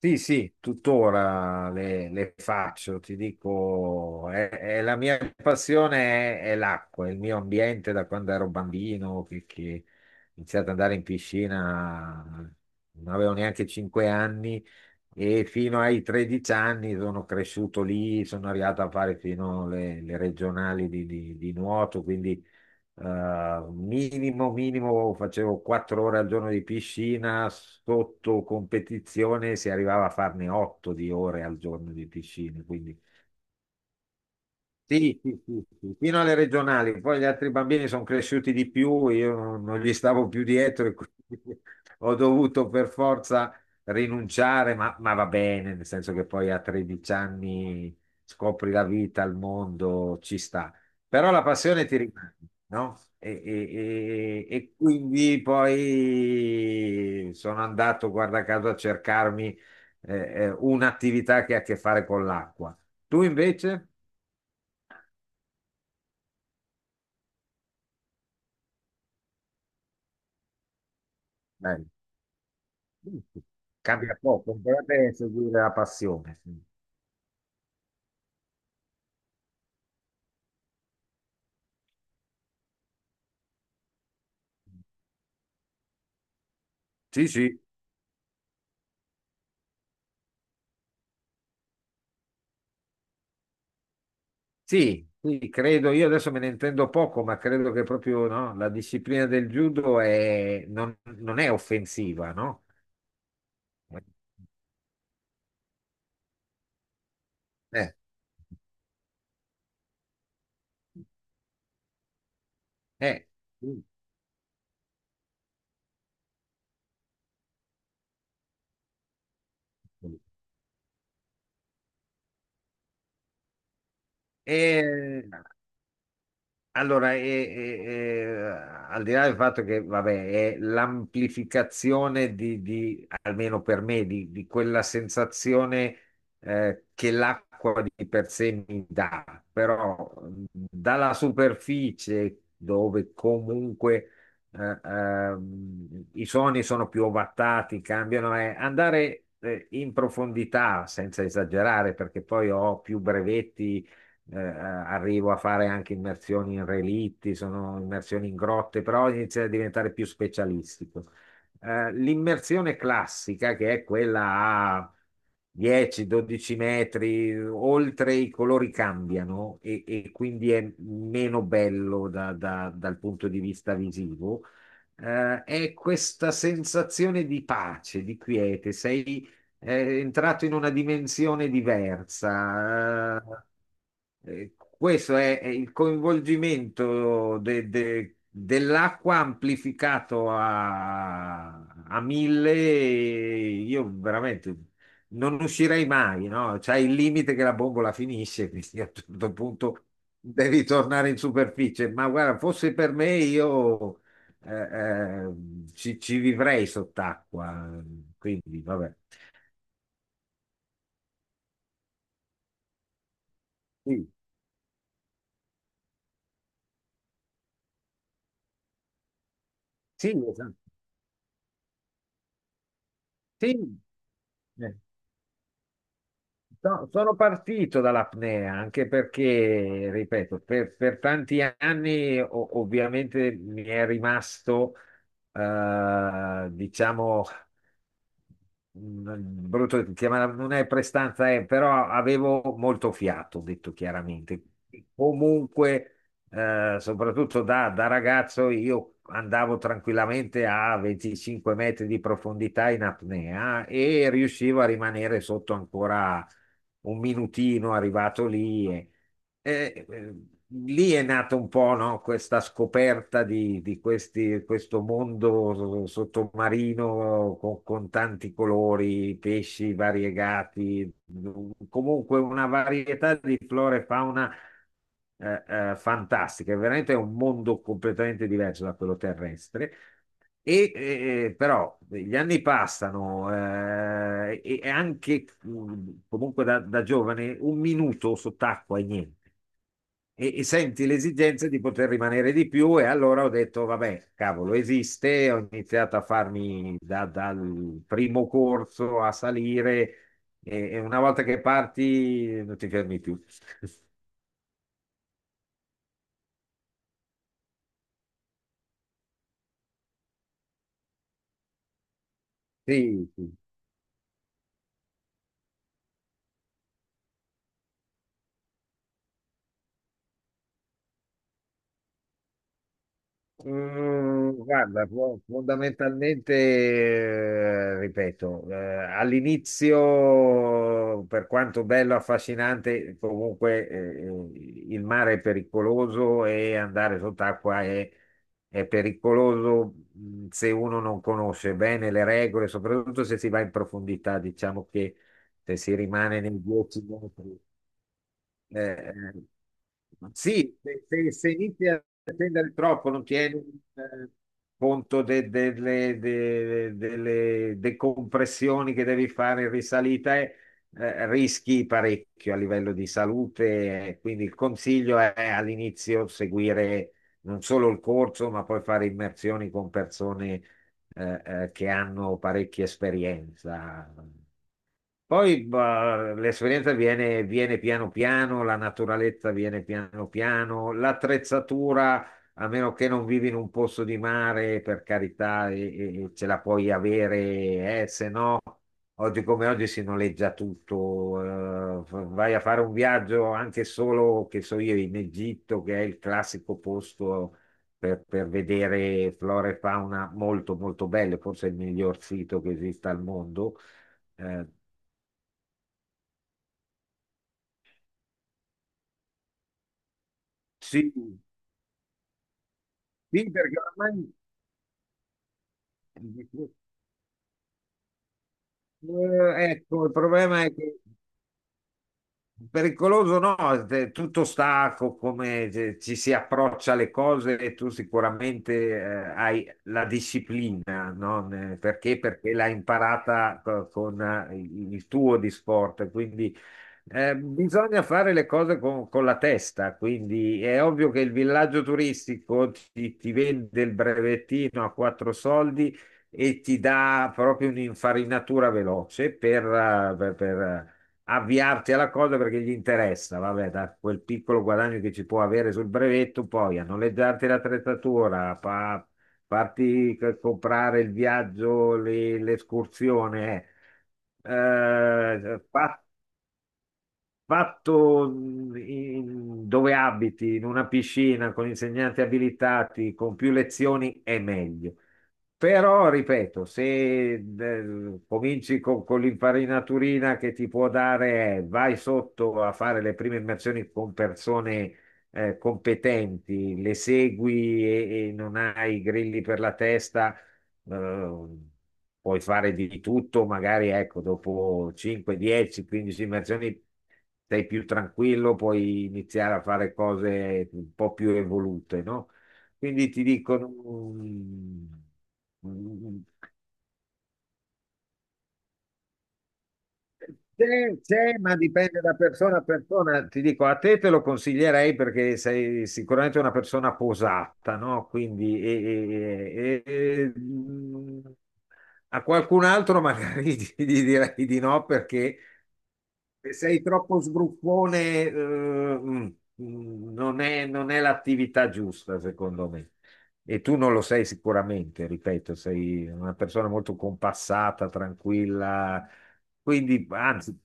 Sì, sì, tuttora le faccio, ti dico, è la mia passione, è l'acqua, è il mio ambiente da quando ero bambino, che ho iniziato ad andare in piscina, non avevo neanche 5 anni e fino ai 13 anni sono cresciuto lì, sono arrivato a fare fino alle regionali di nuoto. Quindi minimo, minimo, facevo 4 ore al giorno di piscina, sotto competizione si arrivava a farne 8 di ore al giorno di piscina. Quindi sì, sì, sì, sì, fino alle regionali. Poi gli altri bambini sono cresciuti di più, io non gli stavo più dietro e quindi ho dovuto per forza rinunciare, ma va bene, nel senso che poi a 13 anni scopri la vita, il mondo, ci sta. Però la passione ti rimane, no? E quindi poi sono andato, guarda caso, a cercarmi eh, un'attività che ha a che fare con l'acqua. Tu invece? Giusto. Cambia poco, dovrebbe seguire la passione. Sì, sì. Sì, sì, credo, io adesso me ne intendo poco, ma credo che proprio no, la disciplina del judo è- non è offensiva, no? Eh, eh. Sì. E, Allora, al di là del fatto che, vabbè, è l'amplificazione di, almeno per me, di quella sensazione che l'acqua di per sé mi dà, però dalla superficie dove comunque i suoni sono più ovattati, cambiano. Andare in profondità, senza esagerare, perché poi ho più brevetti arrivo a fare anche immersioni in relitti, sono immersioni in grotte, però inizia a diventare più specialistico. L'immersione classica, che è quella a 10-12 metri, oltre i colori cambiano e quindi è meno bello dal punto di vista visivo. È questa sensazione di pace, di quiete, sei entrato in una dimensione diversa. Questo è il coinvolgimento dell'acqua amplificato a, a mille. Io veramente non uscirei mai, no? C'è il limite che la bombola finisce, quindi a un certo punto devi tornare in superficie. Ma guarda, fosse per me, io eh, eh, ci vivrei sott'acqua. Quindi, vabbè. Sì, sì, esatto. Sì. Eh. No, sono partito dall'apnea anche perché, ripeto, per tanti anni ovviamente mi è rimasto, diciamo, mm, brutto da dire, ma non è prestanza, però avevo molto fiato, ho detto chiaramente. Comunque, soprattutto da ragazzo, io andavo tranquillamente a 25 metri di profondità in apnea e riuscivo a rimanere sotto ancora un minutino arrivato lì. Eh, eh, Lì è nata un po', no, questa scoperta di questo mondo sottomarino con tanti colori, pesci variegati, comunque una varietà di flora e fauna eh, fantastica. Veramente è un mondo completamente diverso da quello terrestre. Però gli anni passano e anche mm, comunque da giovane un minuto sott'acqua e niente, e, e senti l'esigenza di poter rimanere di più. E allora ho detto, vabbè, cavolo, esiste, ho iniziato a farmi dal primo corso a salire e una volta che parti non ti fermi più. Sì, sì. Mm, guarda, fondamentalmente, ripeto, all'inizio, per quanto bello, affascinante, comunque il mare è pericoloso e andare sott'acqua è pericoloso, mm, se uno non conosce bene le regole, soprattutto se si va in profondità. Diciamo che se si rimane nei 10 metri. Eh, eh, sì, se inizi a spendere troppo non tieni eh, conto delle decompressioni che devi fare in risalita e rischi parecchio a livello di salute. Quindi il consiglio è all'inizio seguire non solo il corso, ma poi fare immersioni con persone che hanno parecchia esperienza. Poi bah, l'esperienza viene, viene piano piano, la naturalezza viene piano piano, l'attrezzatura, a meno che non vivi in un posto di mare, per carità, e ce la puoi avere, se no, oggi come oggi si noleggia tutto. Vai a fare un viaggio anche solo, che so io, in Egitto, che è il classico posto per vedere flora e fauna molto molto belle, forse il miglior sito che esista al mondo. Eh, sì, sì, perché ormai... Eh, ecco, il problema è che pericoloso no, tutto sta come se ci si approccia alle cose e tu sicuramente eh, hai la disciplina, no? Perché? Perché l'hai imparata con il tuo di sport, quindi bisogna fare le cose con la testa, quindi è ovvio che il villaggio turistico ti vende il brevettino a quattro soldi e ti dà proprio un'infarinatura veloce per per avviarti alla cosa perché gli interessa, vabbè, da quel piccolo guadagno che ci può avere sul brevetto, poi a noleggiarti l'attrezzatura, farti comprare il viaggio, l'escursione, eh. Fa Fatto dove abiti, in una piscina con insegnanti abilitati, con più lezioni, è meglio. Però, ripeto, se cominci con l'infarinaturina che ti può dare, è, vai sotto a fare le prime immersioni con persone competenti, le segui e non hai grilli per la testa, eh, puoi fare di tutto. Magari ecco, dopo 5, 10, 15 immersioni sei più tranquillo, puoi iniziare a fare cose un po' più evolute, no? Quindi ti dicono, mm, mm, c'è, c'è, ma dipende da persona a persona. Ti dico, a te te lo consiglierei perché sei sicuramente una persona posata, no? Quindi mm, a qualcun altro magari gli direi di no perché se sei troppo sbruffone, eh, mm, mm, non è l'attività giusta, secondo me. E tu non lo sei sicuramente, ripeto, sei una persona molto compassata, tranquilla. Quindi, anzi,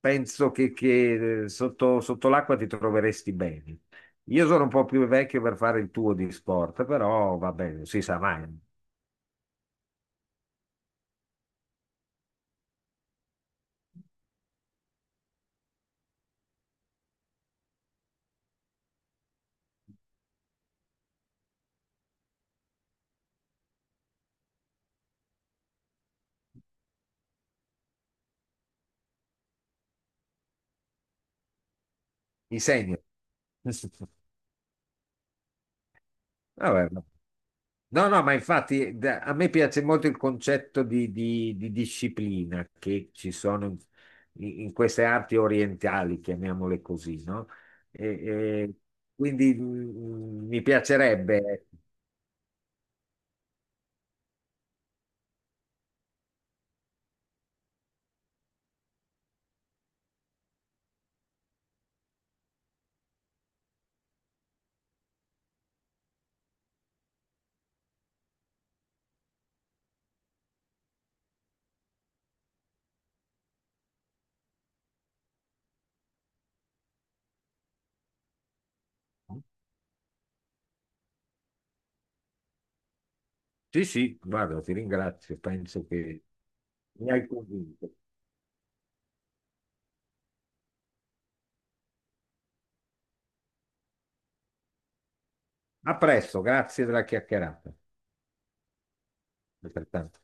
penso che sotto, sotto l'acqua ti troveresti bene. Io sono un po' più vecchio per fare il tuo di sport, però va bene, si sa mai. Mi segno. Vabbè, no. No, no, ma infatti a me piace molto il concetto di, di disciplina che ci sono in, in queste arti orientali, chiamiamole così, no? E- e quindi mm, mm, mi piacerebbe, ecco. Sì, sì, guarda, ti ringrazio, penso che mi hai convinto. A presto, grazie della chiacchierata. Altrettanto.